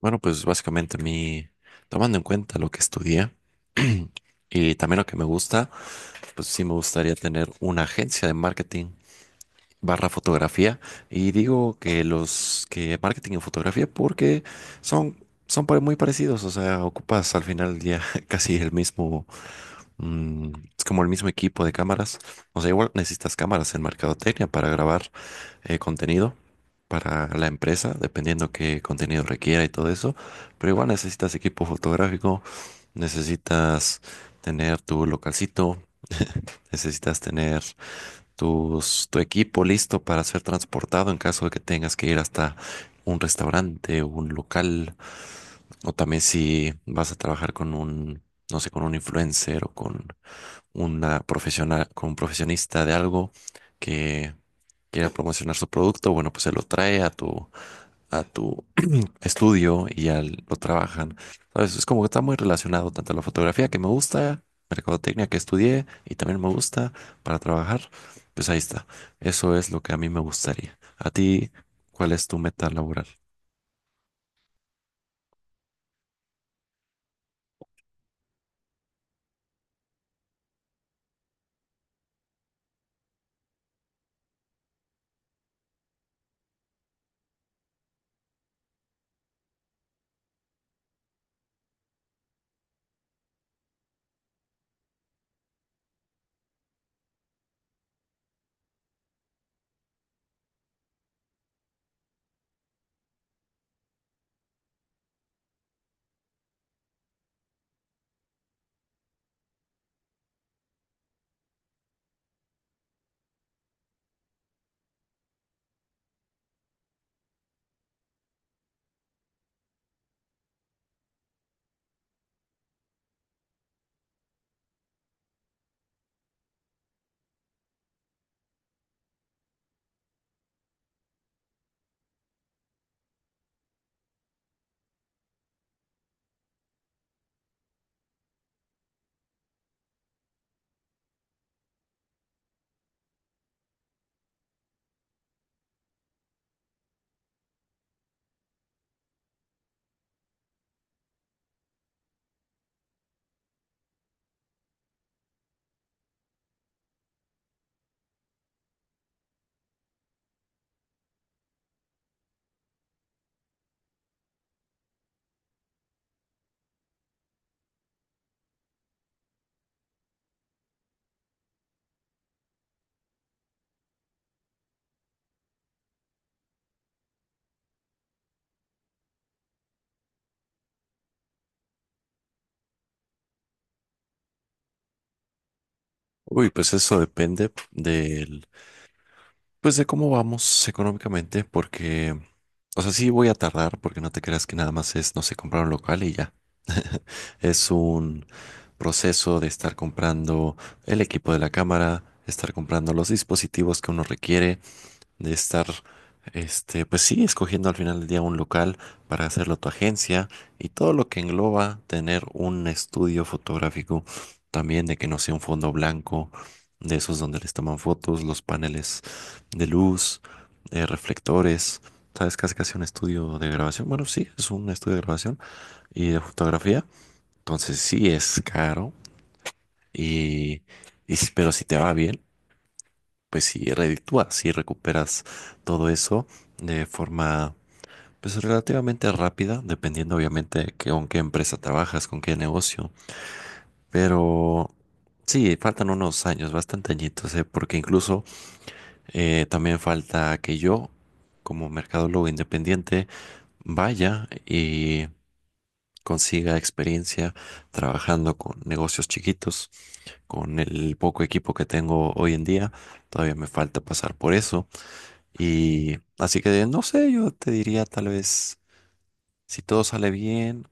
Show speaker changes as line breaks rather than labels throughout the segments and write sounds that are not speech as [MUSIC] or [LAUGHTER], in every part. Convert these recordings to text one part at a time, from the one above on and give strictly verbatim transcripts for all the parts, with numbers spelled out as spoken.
Bueno, pues básicamente a mí, tomando en cuenta lo que estudié y también lo que me gusta, pues sí me gustaría tener una agencia de marketing barra fotografía. Y digo que los que marketing y fotografía porque son, son pare- muy parecidos, o sea, ocupas al final del día [LAUGHS] casi el mismo, mm, es como el mismo equipo de cámaras. O sea, igual necesitas cámaras en mercadotecnia para grabar eh, contenido para la empresa, dependiendo qué contenido requiera y todo eso. Pero igual necesitas equipo fotográfico, necesitas tener tu localcito, necesitas tener tus, tu equipo listo para ser transportado en caso de que tengas que ir hasta un restaurante, o un local, o también si vas a trabajar con un, no sé, con un influencer o con una profesional, con un profesionista de algo que quiera promocionar su producto, bueno, pues se lo trae a tu a tu estudio y ya lo trabajan. ¿Sabes? Es como que está muy relacionado tanto a la fotografía que me gusta, mercadotecnia que estudié y también me gusta para trabajar. Pues ahí está. Eso es lo que a mí me gustaría. ¿A ti cuál es tu meta laboral? Uy, pues eso depende del, pues de cómo vamos económicamente, porque, o sea, sí voy a tardar, porque no te creas que nada más es, no sé, comprar un local y ya. Es un proceso de estar comprando el equipo de la cámara, estar comprando los dispositivos que uno requiere, de estar, este, pues sí, escogiendo al final del día un local para hacerlo tu agencia y todo lo que engloba tener un estudio fotográfico, también de que no sea un fondo blanco, de esos donde les toman fotos, los paneles de luz, eh, reflectores. ¿Sabes? Casi casi un estudio de grabación. Bueno, sí, es un estudio de grabación y de fotografía. Entonces sí es caro y, y si- pero si te va bien, pues si reditúas, si recuperas todo eso de forma pues relativamente rápida, dependiendo obviamente que con qué empresa trabajas, con qué negocio. Pero sí, faltan unos años, bastante añitos, ¿eh? Porque incluso eh, también falta que yo, como mercadólogo independiente, vaya y consiga experiencia trabajando con negocios chiquitos con el poco equipo que tengo hoy en día. Todavía me falta pasar por eso. Y así que no sé, yo te diría tal vez, si todo sale bien,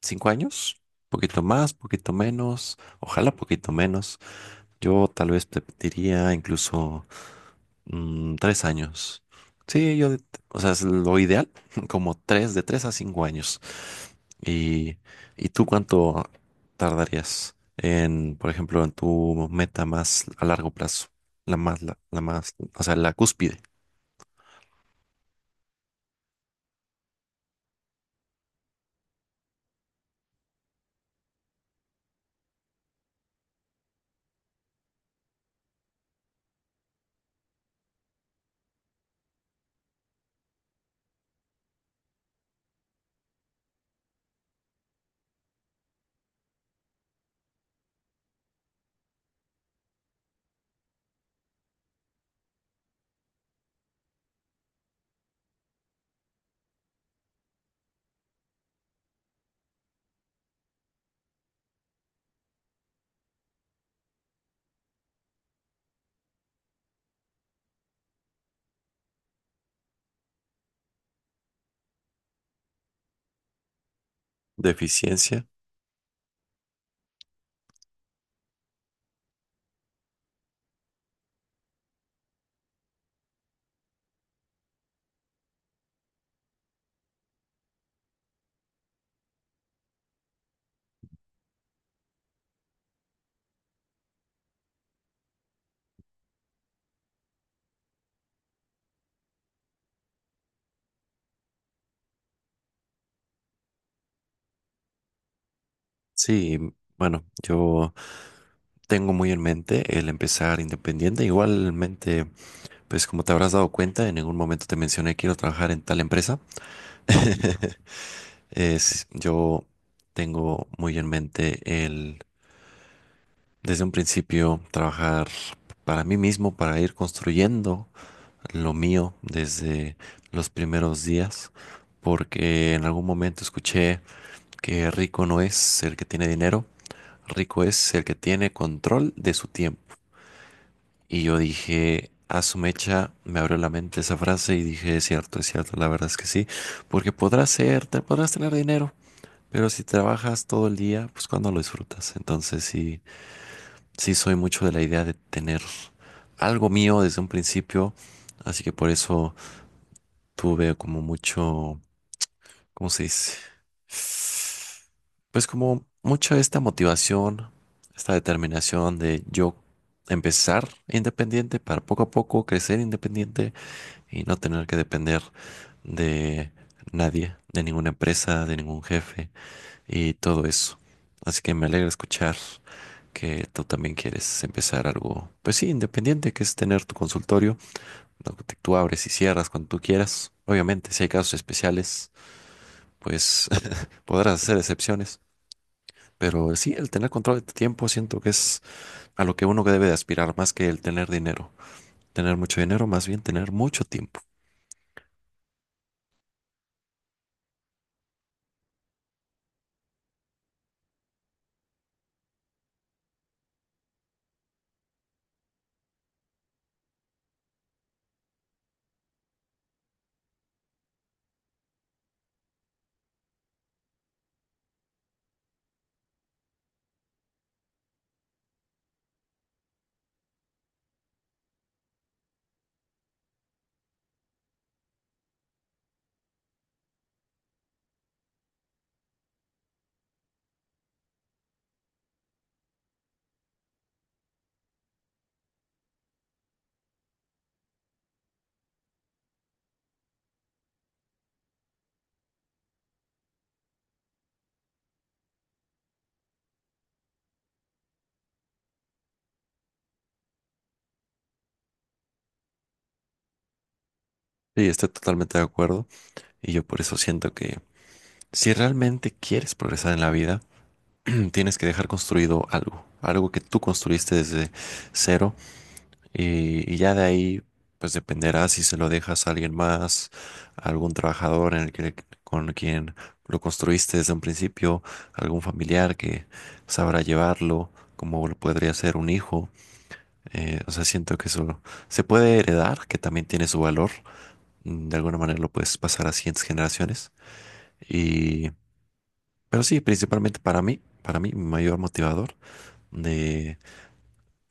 cinco años, poquito más, poquito menos, ojalá poquito menos. Yo tal vez te diría incluso Mm, tres años. Sí, yo, o sea, es lo ideal, [LAUGHS] como tres, de tres a cinco años. ¿Y, y tú cuánto tardarías en, por ejemplo, en tu meta más a largo plazo? La más, la, la más, o sea, la cúspide de eficiencia. Sí, bueno, yo tengo muy en mente el empezar independiente. Igualmente, pues como te habrás dado cuenta, en ningún momento te mencioné quiero trabajar en tal empresa. [LAUGHS] Es, yo tengo muy en mente el, desde un principio, trabajar para mí mismo, para ir construyendo lo mío desde los primeros días, porque en algún momento escuché que rico no es el que tiene dinero, rico es el que tiene control de su tiempo. Y yo dije, a su mecha, me abrió la mente esa frase y dije, es cierto, es cierto, la verdad es que sí, porque podrás ser, te podrás tener dinero. Pero si trabajas todo el día, pues cuando lo disfrutas. Entonces sí, sí soy mucho de la idea de tener algo mío desde un principio. Así que por eso tuve como mucho, ¿cómo se dice? Pues como mucha esta motivación, esta determinación de yo empezar independiente para poco a poco crecer independiente y no tener que depender de nadie, de ninguna empresa, de ningún jefe y todo eso. Así que me alegra escuchar que tú también quieres empezar algo, pues sí, independiente, que es tener tu consultorio, lo que tú abres y cierras cuando tú quieras. Obviamente, si hay casos especiales, pues [LAUGHS] podrás hacer excepciones. Pero sí, el tener control de tu tiempo siento que es a lo que uno debe de aspirar más que el tener dinero. Tener mucho dinero, más bien tener mucho tiempo. Sí, estoy totalmente de acuerdo. Y yo por eso siento que si realmente quieres progresar en la vida, [CLEARS THROAT] tienes que dejar construido algo, algo que tú construiste desde cero y, y ya de ahí pues dependerá si se lo dejas a alguien más, a algún trabajador en el que, con quien lo construiste desde un principio, algún familiar que sabrá llevarlo, como lo podría ser un hijo. Eh, o sea, siento que eso se puede heredar, que también tiene su valor. Mm, de alguna manera lo puedes pasar a siguientes generaciones. Y, pero sí, principalmente para mí, para mí, mi mayor motivador de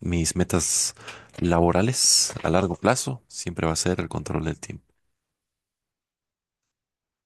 mis metas laborales a largo plazo siempre va a ser el control del tiempo.